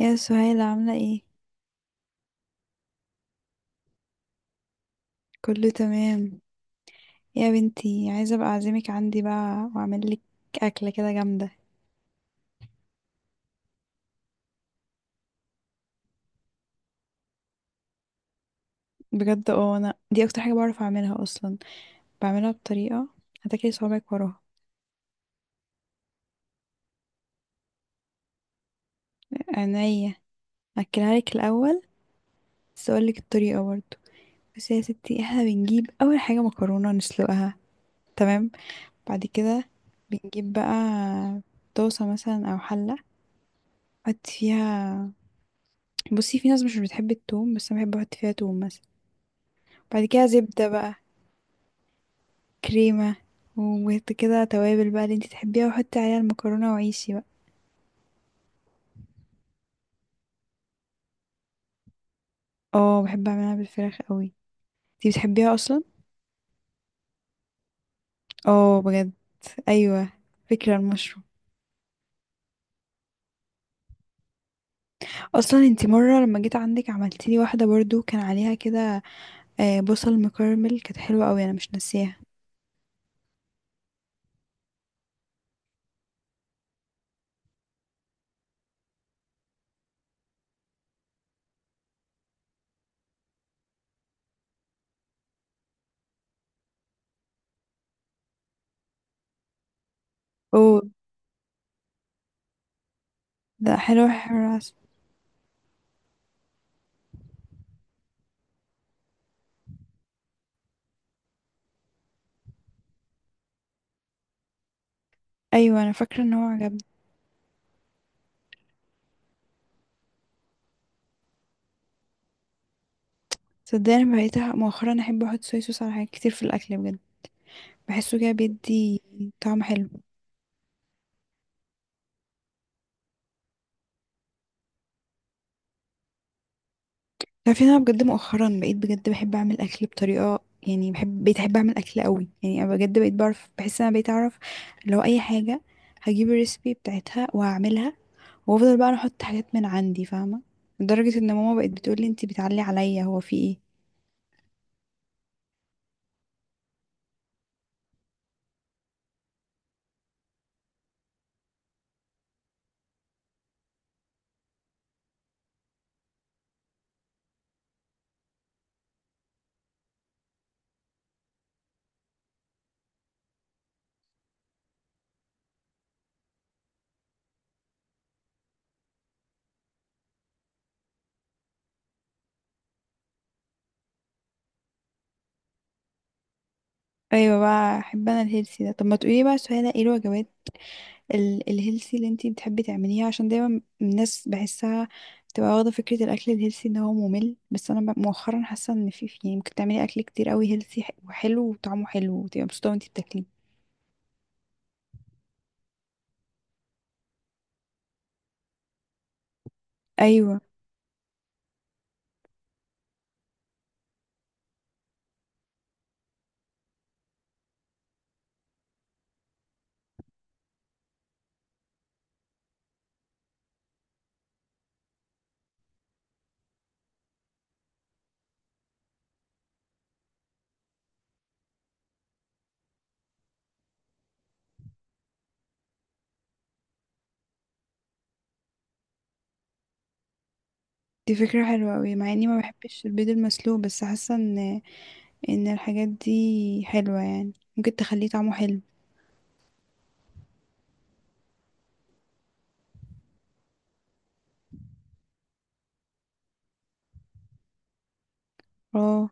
يا سهيلة عاملة ايه؟ كله تمام. يا بنتي عايزة ابقى اعزمك عندي بقى واعمل لك اكلة كده جامدة. بجد، انا دي اكتر حاجة بعرف اعملها اصلا. بعملها بطريقة هتاكلي صوابعك وراها. عينيا، اكلها لك الاول، بس اقول لك الطريقة برضه. بس يا ستي، احنا بنجيب اول حاجة مكرونة نسلقها، تمام؟ بعد كده بنجيب بقى طاسة مثلا او حلة، نحط فيها. بصي، في ناس مش بتحب التوم بس انا بحب احط فيها توم مثلا. بعد كده زبدة بقى، كريمة، وكده توابل بقى اللي انتي تحبيها، وحطي عليها المكرونة وعيشي بقى. اه، بحب اعملها بالفراخ قوي، انتي بتحبيها اصلا. اه بجد، ايوه، فكرة المشروم. اصلا انتي مرة لما جيت عندك عملتيلي واحدة برضو كان عليها كده بصل مكرمل، كانت حلوة قوي، انا مش ناسيها. اوه، ده حلو، حلو، عسل. ايوه انا فاكرة ان هو عجبني. صدقني بقيت مؤخرا احب احط صويا صوص على حاجات كتير في الاكل، بجد بحسه كده بيدي طعم حلو. تعرفي إن انا بجد مؤخرا بقيت بجد بحب اعمل اكل بطريقه، يعني بحب بقيت احب اعمل اكل قوي، يعني انا بجد بقيت بعرف بحس ان انا بقيت اعرف. لو اي حاجه هجيب الريسبي بتاعتها وهعملها، وافضل بقى أنا احط حاجات من عندي، فاهمه. لدرجه ان ماما بقت بتقول لي: انتي بتعلي عليا، هو في ايه؟ ايوه بقى، احب انا الهيلثي ده. طب ما تقولي بقى سهيلة، ايه الوجبات الهيلثي اللي انتي بتحبي تعمليها؟ عشان دايما الناس بحسها بتبقى واخدة فكرة الأكل الهيلثي ان هو ممل، بس أنا مؤخرا حاسة ان في يعني ممكن تعملي أكل كتير قوي هيلثي وحلو وطعمه حلو، وتبقى مبسوطة وانتي بتاكليه. أيوة، دي فكرة حلوة قوي، مع اني ما بحبش البيض المسلوق، بس حاسة ان الحاجات دي حلوة، يعني ممكن تخليه طعمه حلو. اه،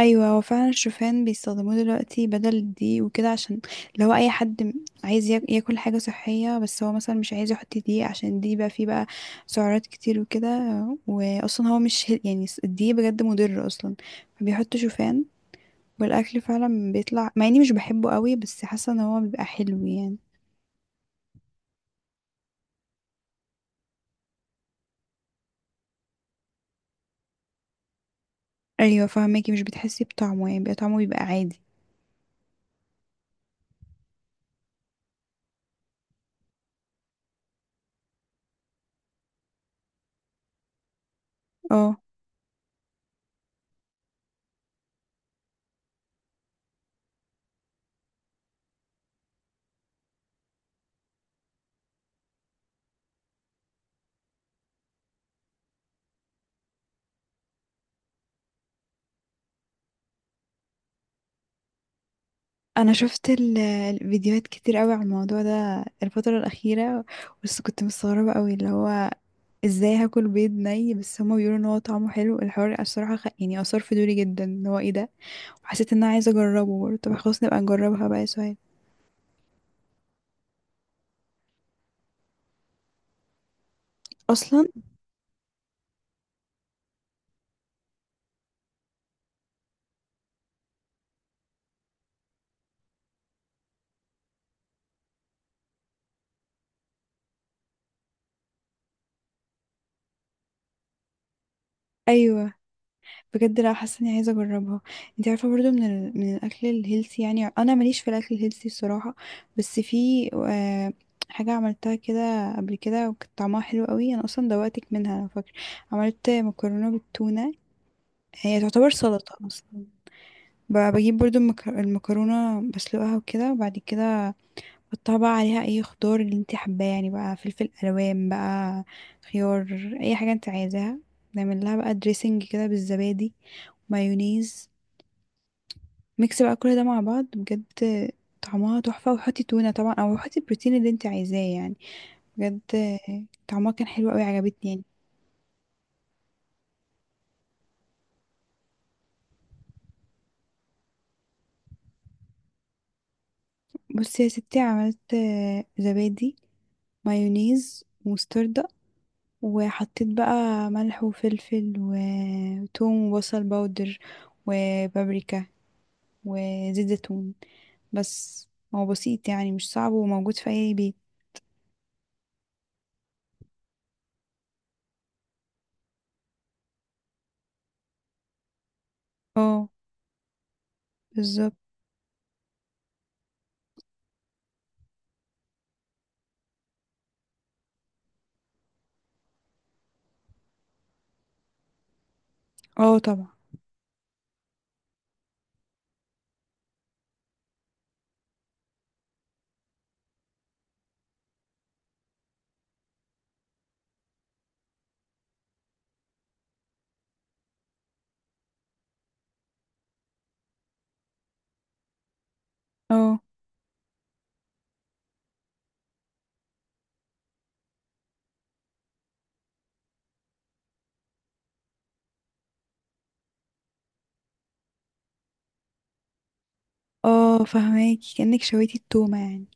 ايوه هو فعلا الشوفان بيستخدموه دلوقتي بدل الدقيق وكده، عشان لو اي حد عايز ياكل حاجه صحيه، بس هو مثلا مش عايز يحط دقيق، عشان الدقيق بقى فيه بقى سعرات كتير وكده، واصلا هو مش يعني الدقيق بجد مضر اصلا، فبيحط شوفان. والاكل فعلا بيطلع، مع اني مش بحبه قوي، بس حاسه ان هو بيبقى حلو يعني. ايوه فهماكي، مش بتحسي بطعمه، يعني بيبقى طعمه بيبقى عادي. اه، انا شفت الفيديوهات كتير قوي على الموضوع ده الفتره الاخيره، بس كنت مستغربة قوي اللي هو ازاي هاكل بيض ني، بس هما بيقولوا ان هو طعمه حلو. الحوار الصراحه يعني اثار فضولي جدا، ان هو ايه ده. وحسيت ان انا عايزه اجربه برضه. طب خلاص، نبقى نجربها بقى يا سهيل. اصلا، ايوه بجد، لا، حاسه اني عايزه اجربها. انت عارفه برضه من من الاكل الهيلثي، يعني انا ماليش في الاكل الهيلثي الصراحه، بس في حاجه عملتها كده قبل كده، وكانت طعمها حلو قوي، انا اصلا دوقتك منها انا فاكره. عملت مكرونه بالتونه، هي تعتبر سلطه اصلا. بجيب برضو المكرونة بسلقها وكده، وبعد كده احطها بقى عليها اي خضار اللي انت حباه، يعني بقى فلفل الوان بقى، خيار، اي حاجة انت عايزاها. نعمل لها بقى دريسنج كده بالزبادي، مايونيز، ميكس بقى كل ده مع بعض، بجد طعمها تحفة، وحطي تونة طبعا، او حطي البروتين اللي انت عايزاه يعني. بجد طعمها كان حلو قوي، عجبتني يعني. بصي يا ستي، عملت زبادي، مايونيز، مستردة، وحطيت بقى ملح وفلفل وتوم وبصل باودر، وبابريكا، وزيت زيتون، بس. هو بسيط يعني، مش صعب وموجود في اي بيت. اه بالظبط. اه طبعا. اه، اه فهماكي، كأنك شويتي التومة يعني.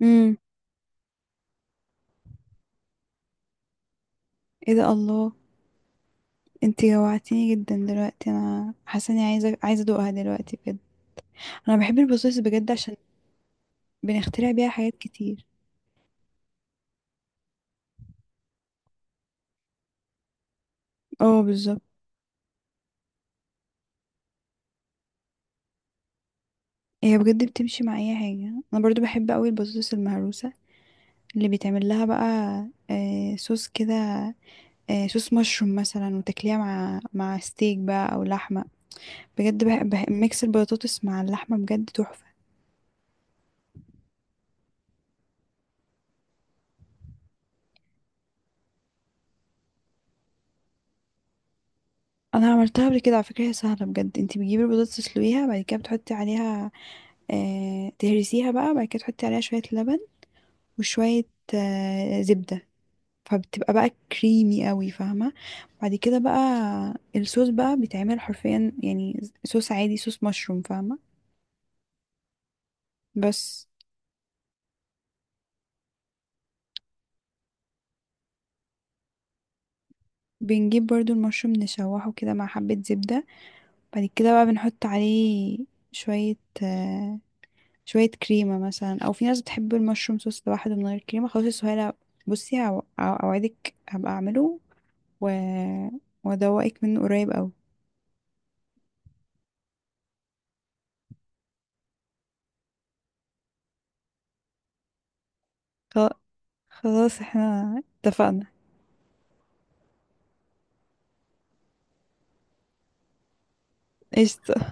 امم ايه ده، الله! انتي جوعتيني جدا دلوقتي، انا حاسه اني عايزه ادوقها دلوقتي بجد. انا بحب البطاطس بجد، عشان بنخترع بيها حاجات كتير. اه بالظبط، هي بجد بتمشي مع اي حاجه. انا برضو بحب قوي البطاطس المهروسه اللي بيتعمل لها بقى صوص كده، صوص مشروم مثلا، وتاكليها مع ستيك بقى او لحمه. بجد ميكس البطاطس مع اللحمه بجد تحفه. انا عملتها قبل كده على فكره، هي سهله بجد. انت بتجيبي البطاطس تسلقيها، بعد كده بتحطي عليها تهرسيها بقى، بعد كده تحطي عليها شويه لبن وشويه زبده، فبتبقى بقى كريمي قوي، فاهمه. بعد كده بقى الصوص بقى بيتعمل حرفيا، يعني صوص عادي، صوص مشروم فاهمه، بس. بنجيب برضو المشروم نشوحه كده مع حبة زبدة، بعد كده بقى بنحط عليه شوية آه، شوية كريمة مثلا، أو في ناس بتحب المشروم صوص لوحده من غير كريمة. خلاص يا سهيلة، بصي، أوعدك هبقى أعمله و... وأدوقك منه قريب أوي. خ- خلاص، احنا اتفقنا. قشطة.